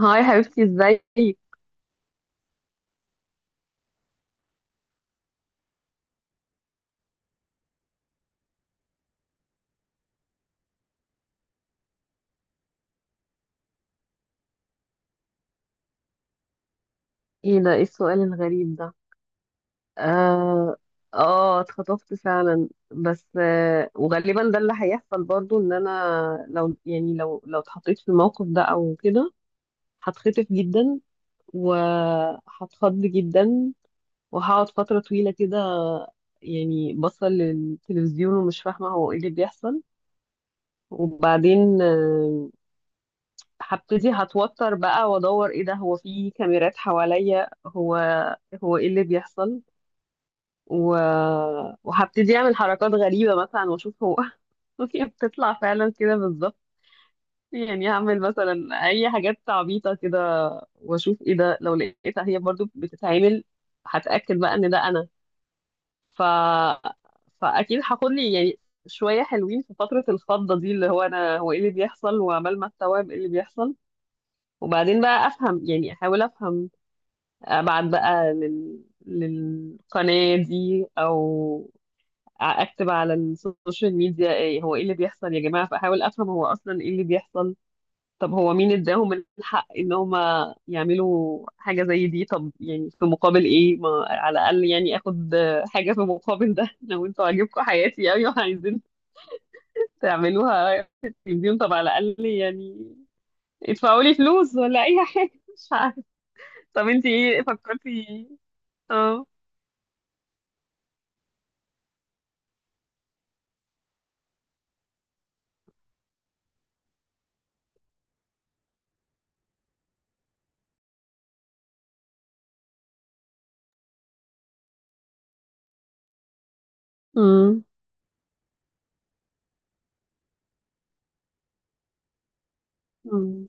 هاي حبيبتي، ازيك؟ ايه ده؟ ايه السؤال الغريب ده؟ اه. اه اتخطفت فعلا بس وغالبا ده اللي هيحصل برضو ان انا. لو يعني لو اتحطيت في الموقف ده او كده هتخطف جدا، وهتخض جدا، وهقعد فترة طويلة كده. يعني بصل للتلفزيون ومش فاهمة هو ايه اللي بيحصل. وبعدين هبتدي هتوتر بقى وادور، ايه ده؟ هو في كاميرات حواليا؟ هو ايه اللي بيحصل و... وهبتدي اعمل حركات غريبة مثلا واشوف هو. هي بتطلع فعلا كده بالظبط. يعني هعمل مثلا اي حاجات عبيطة كده واشوف ايه ده، لو لقيتها هي برضو بتتعمل هتأكد بقى ان ده انا. ف... فاكيد هاخد لي يعني شوية حلوين في فترة الفضة دي، اللي هو انا هو ايه اللي بيحصل وعمال ما استوعب ايه اللي بيحصل. وبعدين بقى افهم، يعني احاول افهم، ابعت بقى للقناة دي او اكتب على السوشيال ميديا ايه هو ايه اللي بيحصل يا جماعة، فاحاول افهم هو اصلا ايه اللي بيحصل. طب هو مين اداهم الحق ان هم يعملوا حاجة زي دي؟ طب يعني في مقابل ايه؟ ما على الاقل يعني اخد حاجة في مقابل ده. لو انتوا عاجبكم حياتي قوي وعايزين تعملوها في التلفزيون طب على الاقل يعني ادفعوا لي فلوس ولا اي حاجة. مش عارفة. طب انتي ايه فكرتي؟ اه. امم. امم.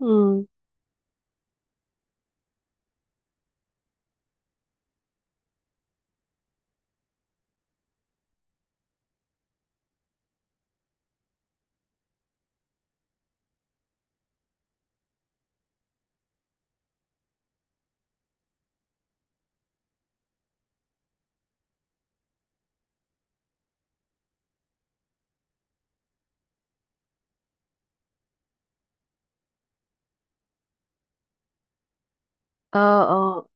امم. اه، اه،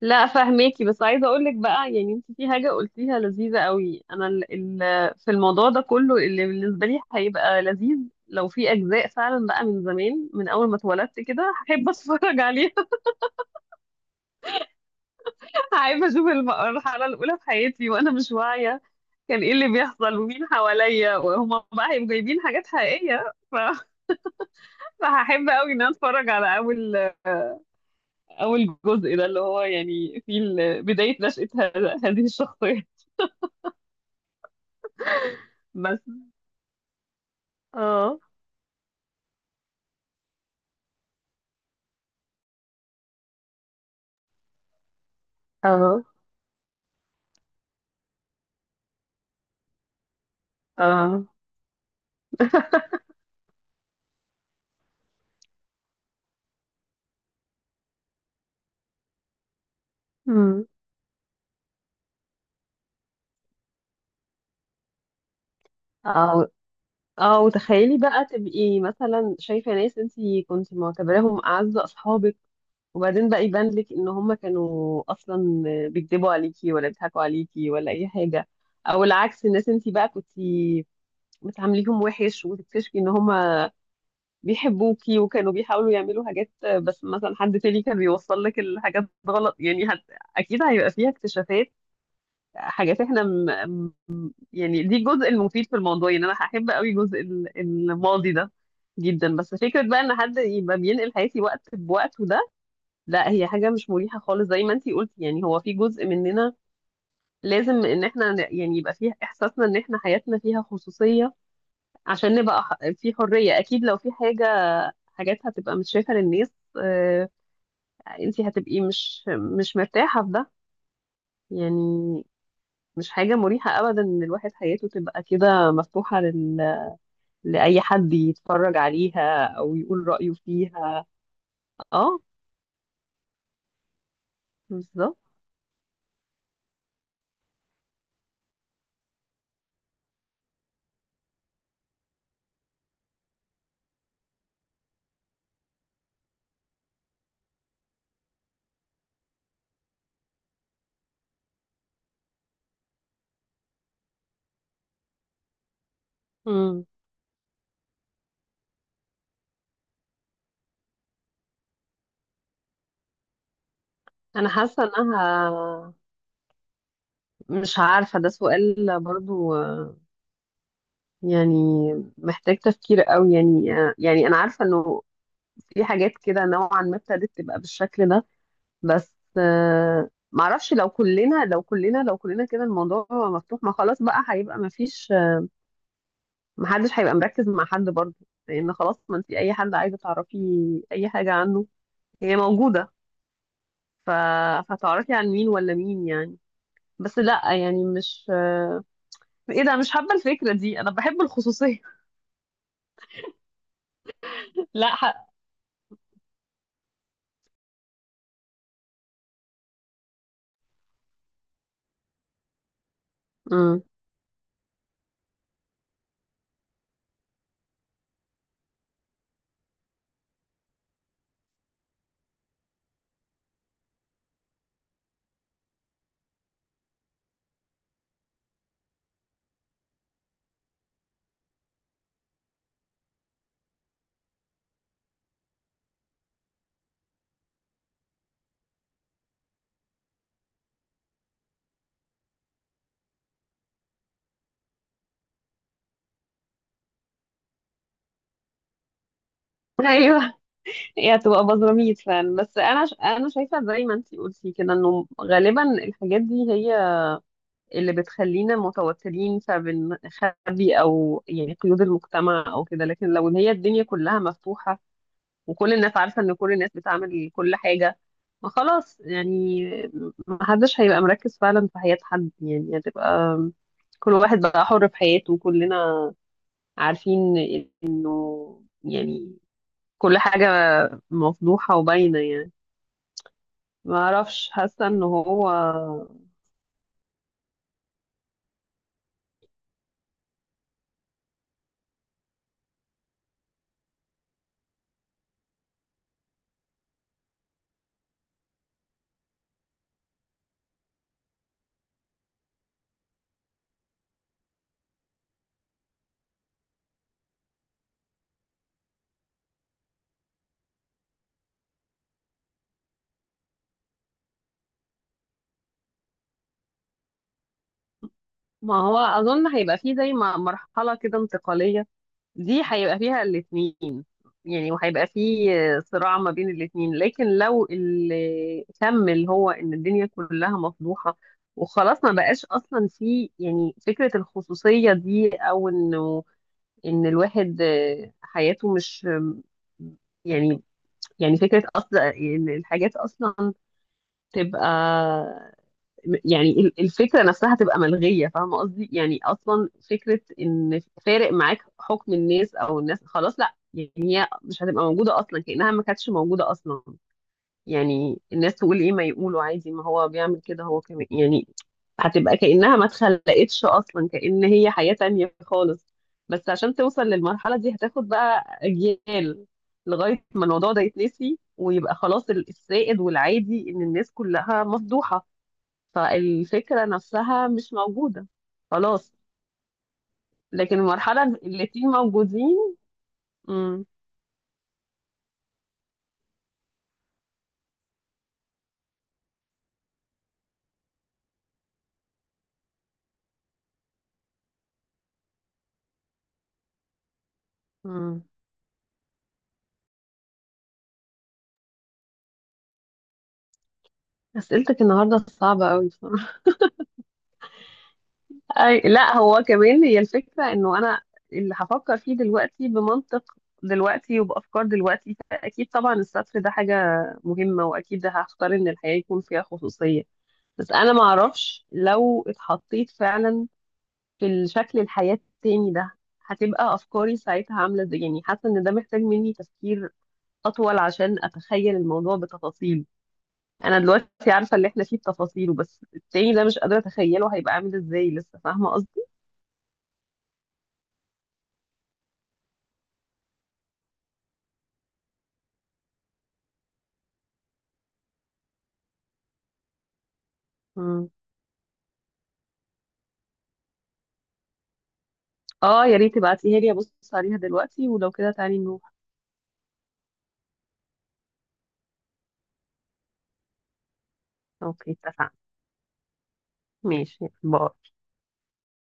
لا فهميكي، بس عايزه اقول لك بقى يعني انت في حاجه قلتيها لذيذه قوي. انا ال في الموضوع ده كله اللي بالنسبه لي هيبقى لذيذ لو في اجزاء فعلا بقى من زمان، من اول ما اتولدت كده، هحب اتفرج عليها. هحب اشوف المرحله الاولى في حياتي وانا مش واعيه، كان ايه اللي بيحصل ومين حواليا، وهما بقى هيبقوا جايبين حاجات حقيقيه فهحب قوي ان انا اتفرج على اول جزء ده، اللي هو يعني في بداية نشأة هذه الشخصية. بس. اه، اه، اه. امم. اه، اه، وتخيلي بقى تبقي مثلا شايفة ناس انتي كنت معتبراهم أعز أصحابك، وبعدين بقى يبان لك ان هم كانوا اصلا بيكذبوا عليكي ولا بيضحكوا عليكي ولا اي حاجة. او العكس، الناس انتي بقى كنتي بتعامليهم وحش وتكتشفي ان هم بيحبوكي وكانوا بيحاولوا يعملوا حاجات، بس مثلا حد تاني كان بيوصل لك الحاجات غلط يعني اكيد هيبقى فيها اكتشافات، حاجات احنا م- يعني دي الجزء المفيد في الموضوع. يعني انا هحب قوي جزء الماضي ده جدا. بس فكرة بقى ان حد يبقى بينقل حياتي وقت بوقته ده، لا، هي حاجة مش مريحة خالص. زي ما انتي قلتي، يعني هو في جزء مننا لازم ان احنا يعني يبقى فيها احساسنا ان احنا حياتنا فيها خصوصية عشان نبقى في حرية. اكيد لو في حاجات هتبقى مش شايفة للناس، آه، انت هتبقي مش مرتاحة في ده. يعني مش حاجة مريحة أبدا إن الواحد حياته تبقى كده مفتوحة لأي حد يتفرج عليها أو يقول رأيه فيها. اه، بالظبط. مم. أنا حاسة إنها، مش عارفة، ده سؤال برضو يعني محتاج تفكير قوي. يعني يعني أنا عارفة إنه في حاجات كده نوعا ما ابتدت تبقى بالشكل ده، بس معرفش. لو كلنا، لو كلنا كده الموضوع مفتوح، ما خلاص بقى هيبقى ما فيش، ما حدش هيبقى مركز مع حد برضه. لان خلاص ما انت اي حد عايزه تعرفي اي حاجه عنه هي موجوده، ف... فتعرفي عن مين ولا مين يعني. بس لا يعني مش ايه ده، مش حابه الفكره دي، انا بحب الخصوصيه. لا مم. ايوه، هي هتبقى بزراميط فعلا. بس انا شايفه زي ما انت قلتي كده انه غالبا الحاجات دي هي اللي بتخلينا متوترين خبي، او يعني قيود المجتمع او كده، لكن لو ان هي الدنيا كلها مفتوحة وكل الناس عارفة ان كل الناس بتعمل كل حاجة، ما خلاص يعني محدش هيبقى مركز فعلا في حياة حد. يعني هتبقى كل واحد بقى حر في حياته، وكلنا عارفين انه يعني كل حاجة مفضوحة وباينة يعني. ما اعرفش، حاسة ان هو، ما هو اظن هيبقى فيه زي ما مرحلة كده انتقالية، دي هيبقى فيها الاثنين، يعني وهيبقى فيه صراع ما بين الاثنين. لكن لو اللي كمل هو ان الدنيا كلها مفضوحة وخلاص، ما بقاش اصلا في يعني فكرة الخصوصية دي، او انه ان الواحد حياته مش، يعني يعني فكرة اصلا الحاجات اصلا تبقى، يعني الفكرة نفسها تبقى ملغية. فاهمة قصدي؟ يعني أصلا فكرة إن فارق معاك حكم الناس أو الناس، خلاص لا يعني هي مش هتبقى موجودة أصلا، كأنها ما كانتش موجودة أصلا. يعني الناس تقول إيه؟ ما يقولوا عادي، ما هو بيعمل كده هو كمان يعني. هتبقى كأنها ما اتخلقتش أصلا، كأن هي حياة تانية خالص. بس عشان توصل للمرحلة دي هتاخد بقى أجيال لغاية ما الموضوع ده يتنسي ويبقى خلاص السائد والعادي إن الناس كلها مفضوحة، فالفكرة نفسها مش موجودة. خلاص. لكن المرحلة الاتنين موجودين. مم. مم. أسئلتك النهاردة صعبة أوي بصراحة. أي لا، هو كمان هي الفكرة، إنه أنا اللي هفكر فيه دلوقتي بمنطق دلوقتي وبأفكار دلوقتي، فأكيد طبعا السطر ده حاجة مهمة، وأكيد ده هختار إن الحياة يكون فيها خصوصية. بس أنا معرفش لو اتحطيت فعلا في الشكل الحياة التاني ده هتبقى أفكاري ساعتها عاملة إزاي. يعني حاسة إن ده محتاج مني تفكير اطول عشان اتخيل الموضوع بتفاصيل. انا دلوقتي عارفه اللي احنا فيه بتفاصيله، بس التاني ده مش قادره اتخيله هيبقى عامل ازاي لسه، فاهمه قصدي؟ مم. اه يا ريت تبعتيها لي ابص عليها دلوقتي، ولو كده تعالي نروح. اوكي، اتفقنا. ماشي، باي.